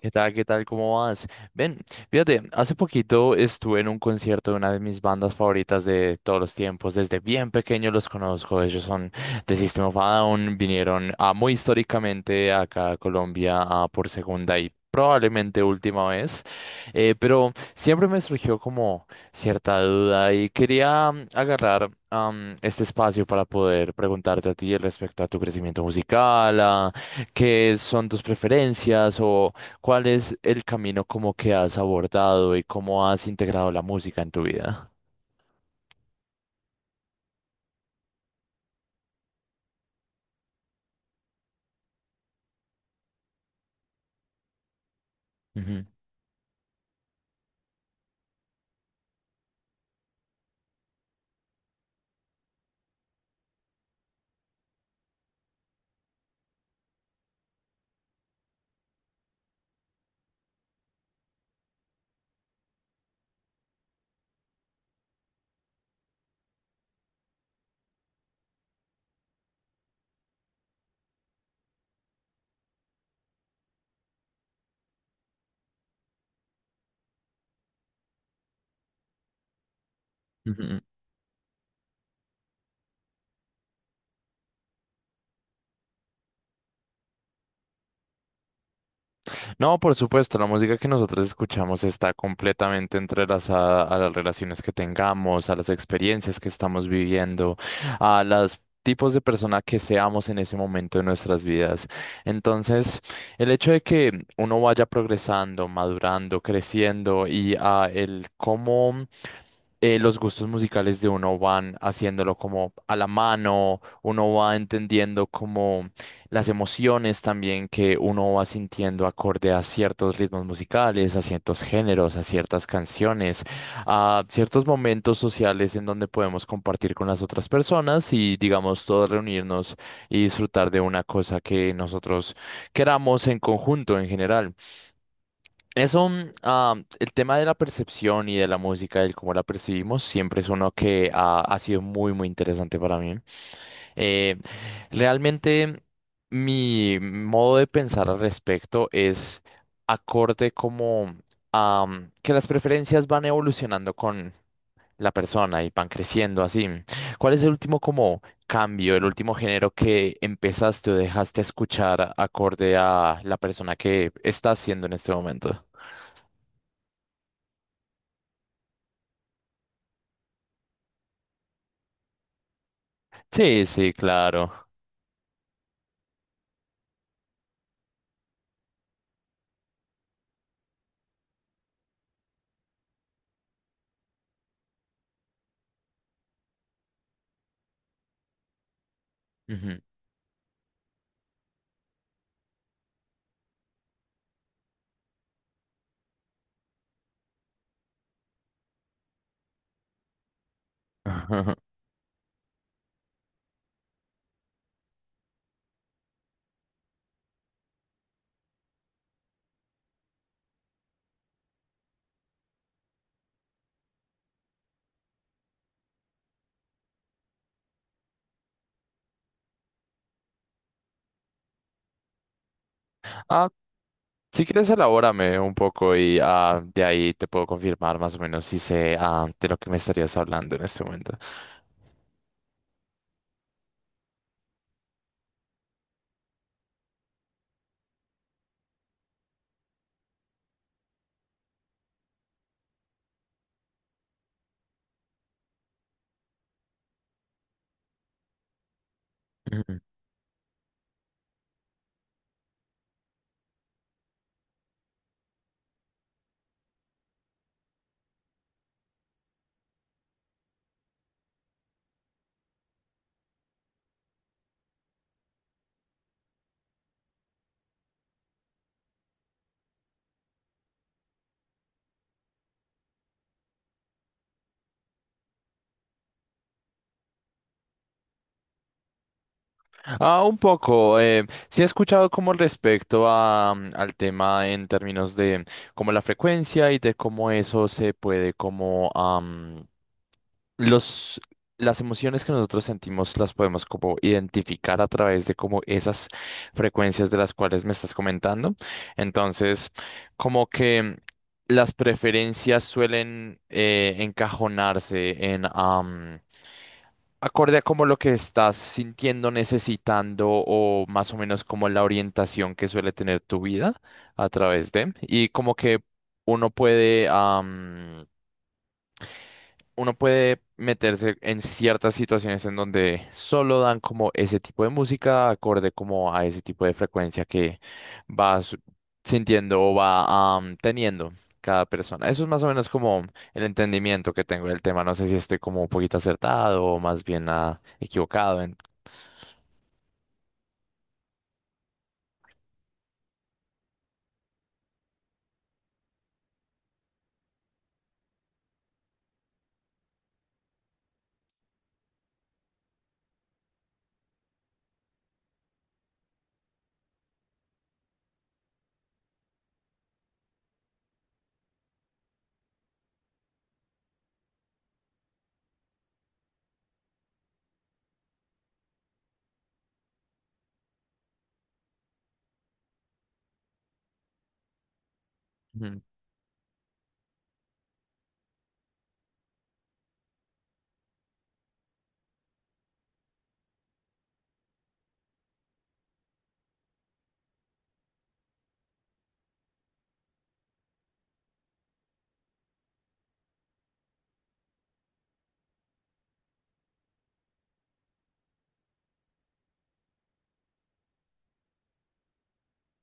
¿Qué tal? ¿Qué tal? ¿Cómo vas? Ven, fíjate, hace poquito estuve en un concierto de una de mis bandas favoritas de todos los tiempos. Desde bien pequeño los conozco. Ellos son de System of a Down. Vinieron a muy históricamente acá a Colombia por segunda y probablemente última vez. Pero siempre me surgió como cierta duda y quería agarrar este espacio para poder preguntarte a ti respecto a tu crecimiento musical, a ¿Qué son tus preferencias ¿Cuál es el camino como que has abordado y cómo has integrado la música en tu vida? Ujú, ujú. No, por supuesto, la música que nosotros escuchamos está completamente entrelazada a las relaciones que tengamos, a las experiencias que estamos viviendo, a los tipos de persona que seamos en ese momento de nuestras vidas. Entonces, el hecho de que uno vaya progresando, madurando, creciendo y a el cómo los gustos musicales de uno van haciéndolo como a la mano, uno va entendiendo como las emociones también que uno va sintiendo acorde a ciertos ritmos musicales, a ciertos géneros, a ciertas canciones, a ciertos momentos sociales en donde podemos compartir con las otras personas y digamos todos reunirnos y disfrutar de una cosa que nosotros queramos en conjunto en general. Eso, el tema de la percepción y de la música, del cómo la percibimos, siempre es uno que ha sido muy, muy interesante para mí. Eh, Realmente, mi modo de pensar al respecto es acorde como a que las preferencias van evolucionando con la persona y van creciendo así. ¿Cuál es el último como cambio, el último género que empezaste o dejaste escuchar acorde a la persona que estás siendo en este momento? Sí, sí, claro. Ujú. Ah, si quieres, elabórame un poco y de ahí te puedo confirmar más o menos si sé de lo que me estarías hablando en este momento. Ujú. Ah, un poco. Sí he escuchado como respecto a, al tema en términos de como la frecuencia y de cómo eso se puede como Los, las emociones que nosotros sentimos las podemos como identificar a través de como esas frecuencias de las cuales me estás comentando. Entonces, como que las preferencias suelen encajonarse en acorde a como lo que estás sintiendo, necesitando o más o menos como la orientación que suele tener tu vida a través de y como que uno puede uno puede meterse en ciertas situaciones en donde solo dan como ese tipo de música, acorde como a ese tipo de frecuencia que vas sintiendo o va teniendo cada persona. Eso es más o menos como el entendimiento que tengo del tema. No sé si estoy como un poquito acertado o más bien equivocado en...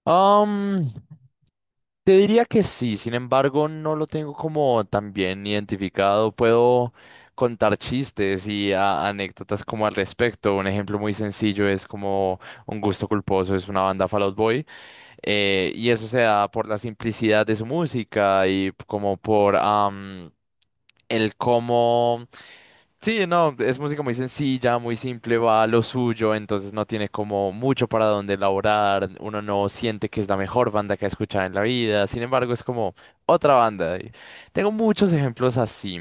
Ujú. Te diría que sí, sin embargo, no lo tengo como tan bien identificado. Puedo contar chistes y anécdotas como al respecto. Un ejemplo muy sencillo es como Un Gusto Culposo, es una banda Fall Out Boy. Y eso se da por la simplicidad de su música y como por el cómo. Sí, no, es música muy sencilla, muy simple, va a lo suyo, entonces no tiene como mucho para dónde elaborar, uno no siente que es la mejor banda que ha escuchado en la vida, sin embargo es como otra banda. Y tengo muchos ejemplos así.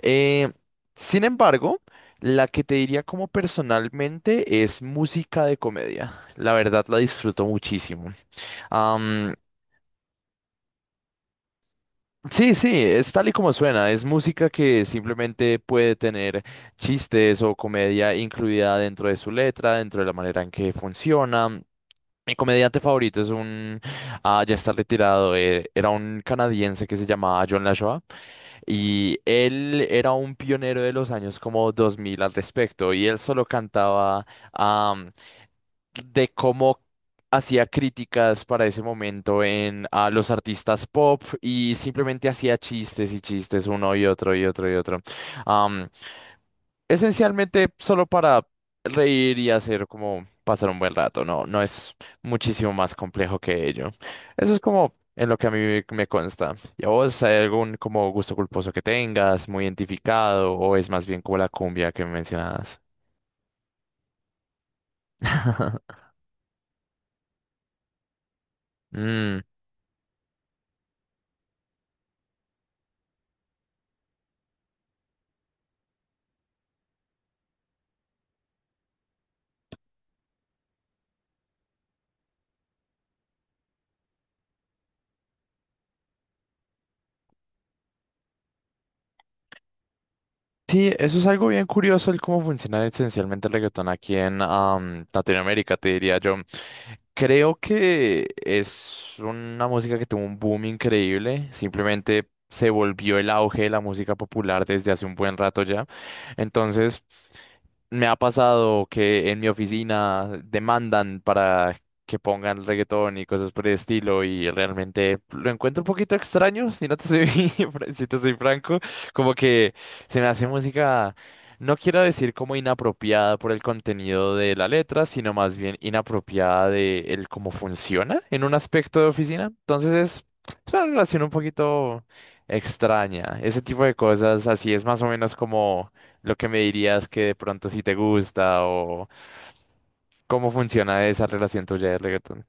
Eh, Sin embargo, la que te diría como personalmente es música de comedia. La verdad la disfruto muchísimo. Sí, sí, es tal y como suena, es música que simplemente puede tener chistes o comedia incluida dentro de su letra, dentro de la manera en que funciona. Mi comediante favorito es ya está retirado, era un canadiense que se llamaba John LaJoie y él era un pionero de los años como 2000 al respecto y él solo cantaba de cómo hacía críticas para ese momento en a los artistas pop y simplemente hacía chistes y chistes uno y otro y otro y otro. Am, Esencialmente solo para reír y hacer como pasar un buen rato, no, no es muchísimo más complejo que ello. Eso es como en lo que a mí me consta. ¿Y a vos hay algún como gusto culposo que tengas, muy identificado, o es más bien como la cumbia que mencionabas? Sí, eso es algo bien curioso, el cómo funciona esencialmente el reggaetón aquí en Latinoamérica, te diría yo. Creo que es una música que tuvo un boom increíble, simplemente se volvió el auge de la música popular desde hace un buen rato ya. Entonces, me ha pasado que en mi oficina demandan para que pongan reggaetón y cosas por el estilo y realmente lo encuentro un poquito extraño, si no te soy, si te soy franco, como que se me hace música, no quiero decir como inapropiada por el contenido de la letra, sino más bien inapropiada de el cómo funciona en un aspecto de oficina. Entonces es una relación un poquito extraña. Ese tipo de cosas así es más o menos como lo que me dirías que de pronto si te gusta o cómo funciona esa relación tuya de reggaetón.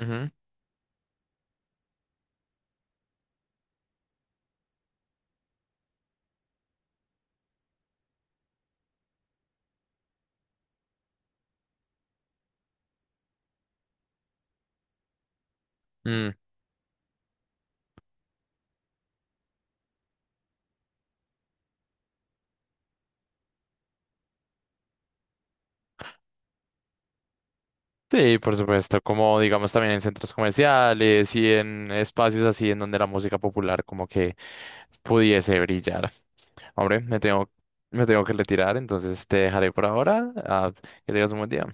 Ujú. Mm, Sí, por supuesto, como digamos también en centros comerciales y en espacios así en donde la música popular como que pudiese brillar. Hombre, me tengo que retirar, entonces te dejaré por ahora. Ah, que tengas un buen día.